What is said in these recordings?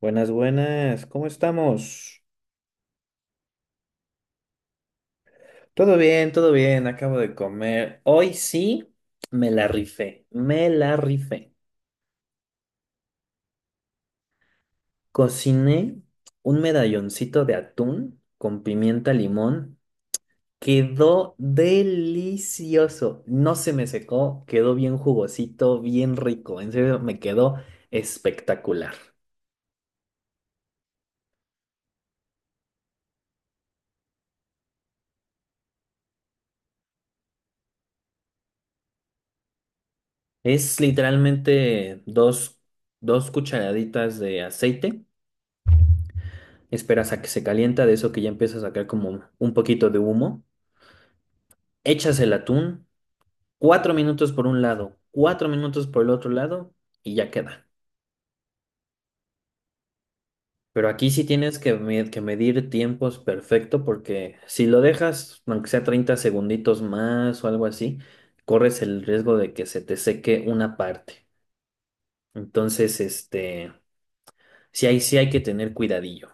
Buenas, buenas, ¿cómo estamos? Todo bien, acabo de comer. Hoy sí me la rifé, me la rifé. Cociné un medalloncito de atún con pimienta limón. Quedó delicioso. No se me secó, quedó bien jugosito, bien rico. En serio, me quedó espectacular. Es literalmente dos cucharaditas de aceite. Esperas a que se calienta, de eso que ya empieza a sacar como un poquito de humo, echas el atún, cuatro minutos por un lado, cuatro minutos por el otro lado y ya queda. Pero aquí sí tienes que, que medir tiempos perfecto porque si lo dejas, aunque sea 30 segunditos más o algo así, corres el riesgo de que se te seque una parte. Entonces, sí hay que tener cuidadillo.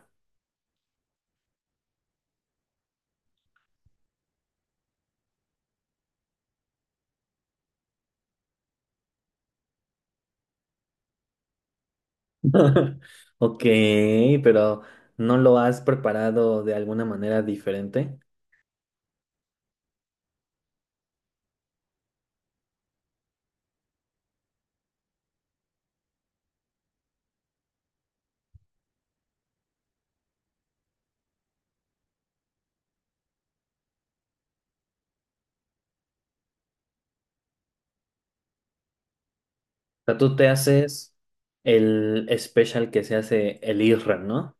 Ok, pero ¿no lo has preparado de alguna manera diferente? Sea, tú te haces el special que se hace el IRRAM, ¿no?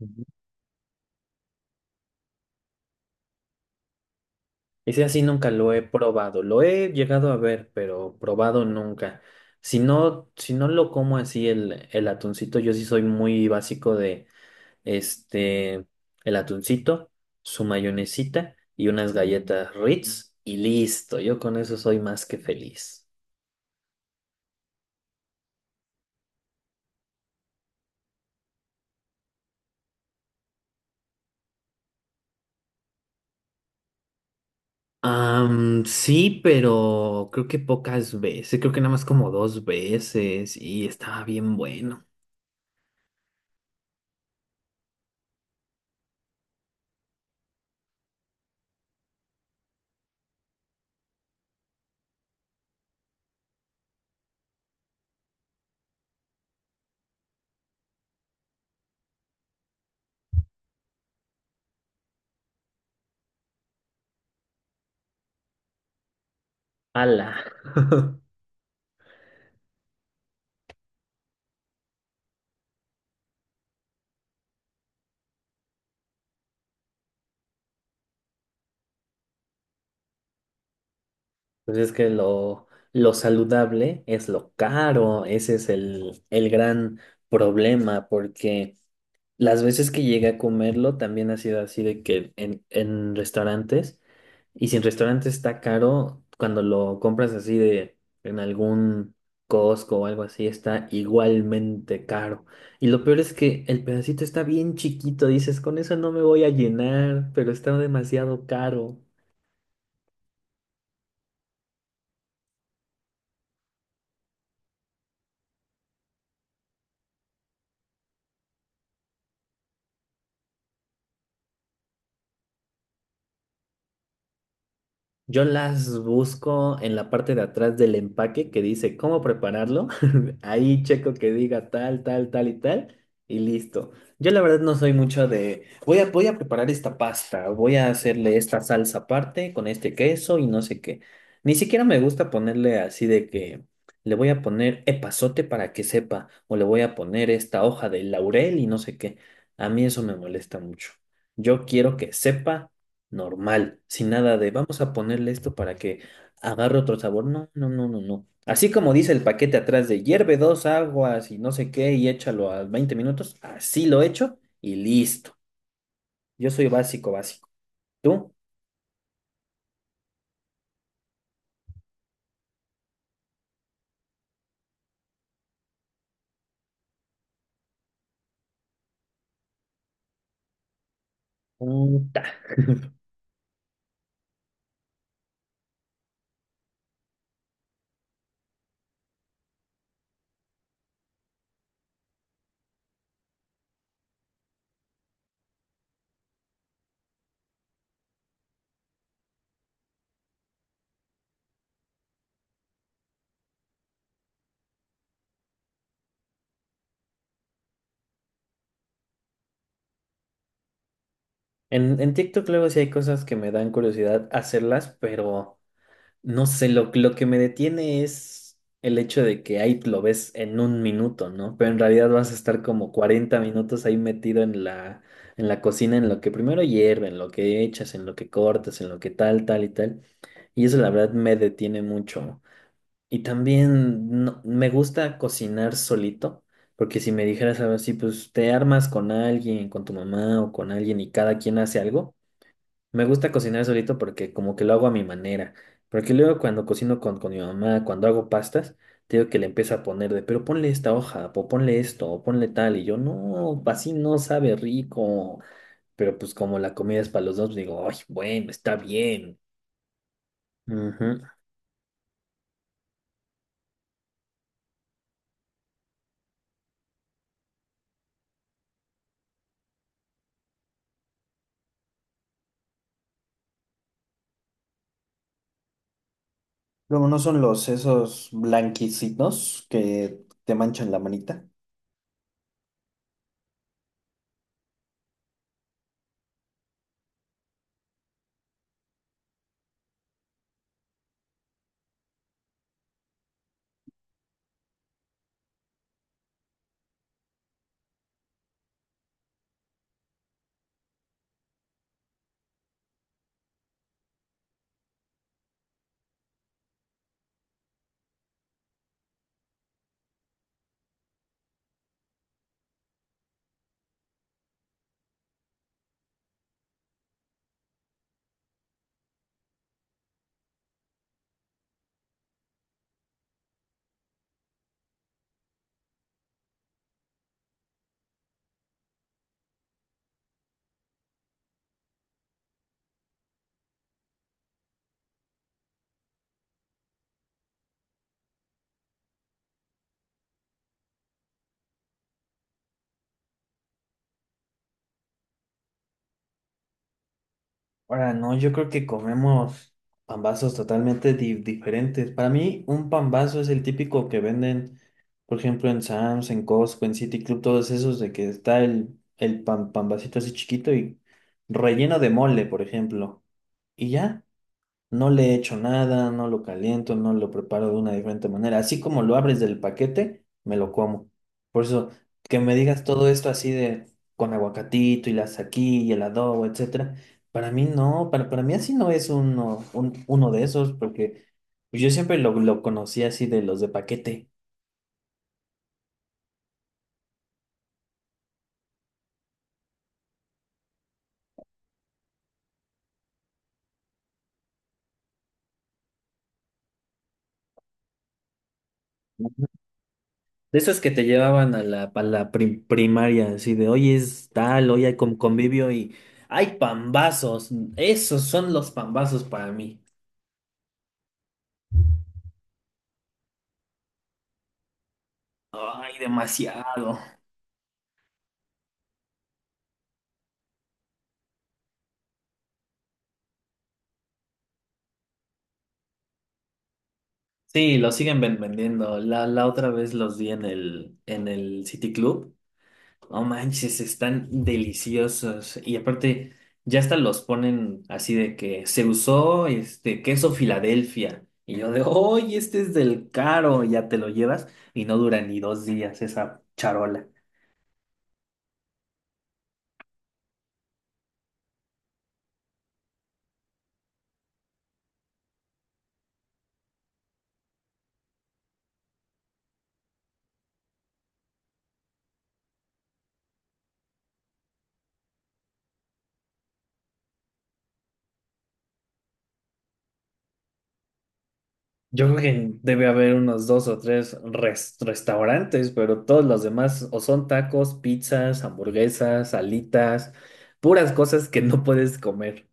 Ujú. Ese así nunca lo he probado. Lo he llegado a ver, pero probado nunca. Si no, si no lo como así el atuncito, yo sí soy muy básico de este, el atuncito, su mayonesita y unas galletas Ritz y listo. Yo con eso soy más que feliz. Sí, pero creo que pocas veces, creo que nada más como dos veces y estaba bien bueno. Ala. Pues es que lo saludable es lo caro, ese es el gran problema, porque las veces que llegué a comerlo también ha sido así de que en restaurantes. Y si el restaurante está caro, cuando lo compras así de en algún Costco o algo así, está igualmente caro. Y lo peor es que el pedacito está bien chiquito, dices, con eso no me voy a llenar, pero está demasiado caro. Yo las busco en la parte de atrás del empaque que dice cómo prepararlo. Ahí checo que diga tal, tal, tal y tal. Y listo. Yo la verdad no soy mucho de, voy a preparar esta pasta, voy a hacerle esta salsa aparte con este queso y no sé qué. Ni siquiera me gusta ponerle así de que le voy a poner epazote para que sepa o le voy a poner esta hoja de laurel y no sé qué. A mí eso me molesta mucho. Yo quiero que sepa normal, sin nada de vamos a ponerle esto para que agarre otro sabor. No, no, no, no, no. Así como dice el paquete atrás de hierve dos aguas y no sé qué y échalo a 20 minutos, así lo echo y listo. Yo soy básico, básico. ¿Tú? Puta. En TikTok luego sí hay cosas que me dan curiosidad hacerlas, pero... No sé, lo que me detiene es el hecho de que ahí lo ves en un minuto, ¿no? Pero en realidad vas a estar como 40 minutos ahí metido en en la cocina, en lo que primero hierve, en lo que echas, en lo que cortas, en lo que tal, tal y tal. Y eso la verdad me detiene mucho. Y también me gusta cocinar solito, porque si me dijeras algo así, pues te armas con alguien, con tu mamá o con alguien y cada quien hace algo. Me gusta cocinar solito porque como que lo hago a mi manera. Porque luego cuando cocino con mi mamá, cuando hago pastas, te digo que le empiezo a poner de, pero ponle esta hoja, o ponle esto, o ponle tal. Y yo, no, así no sabe rico. Pero pues como la comida es para los dos, digo, ay, bueno, está bien. Ujú. Luego no son los esos blanquicitos que te manchan la manita. Ahora, no, yo creo que comemos pambazos totalmente diferentes. Para mí, un pambazo es el típico que venden, por ejemplo, en Sam's, en Costco, en City Club, todos esos de que está el pan, pambacito así chiquito y relleno de mole, por ejemplo. Y ya. No le echo nada, no lo caliento, no lo preparo de una diferente manera. Así como lo abres del paquete, me lo como. Por eso, que me digas todo esto así de con aguacatito y la saquí y el adobo, etcétera. Para mí no, para mí así no es uno, uno de esos, porque pues, yo siempre lo conocí así de los de paquete. De esos que te llevaban a a la primaria, así de hoy es tal, hoy hay con convivio y hay pambazos. Esos son los pambazos para mí. Ay, demasiado. Sí, lo siguen vendiendo. La otra vez los vi en en el City Club. No manches, están deliciosos. Y aparte, ya hasta los ponen así de que se usó este queso Filadelfia. Y yo de, ¡hoy este es del caro! Ya te lo llevas y no dura ni dos días esa charola. Yo creo que debe haber unos dos o tres restaurantes, pero todos los demás o son tacos, pizzas, hamburguesas, alitas, puras cosas que no puedes comer.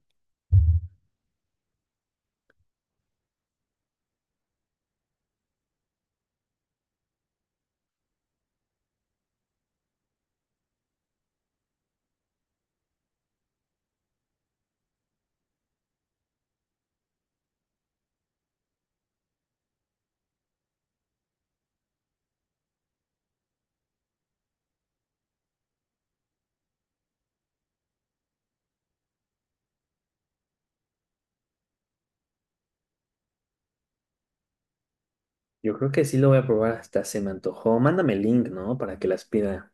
Yo creo que sí lo voy a probar, hasta se me antojó. Mándame el link, ¿no? Para que las pida.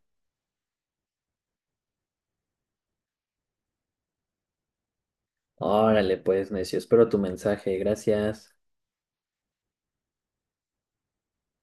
Órale, pues, necio, espero tu mensaje. Gracias.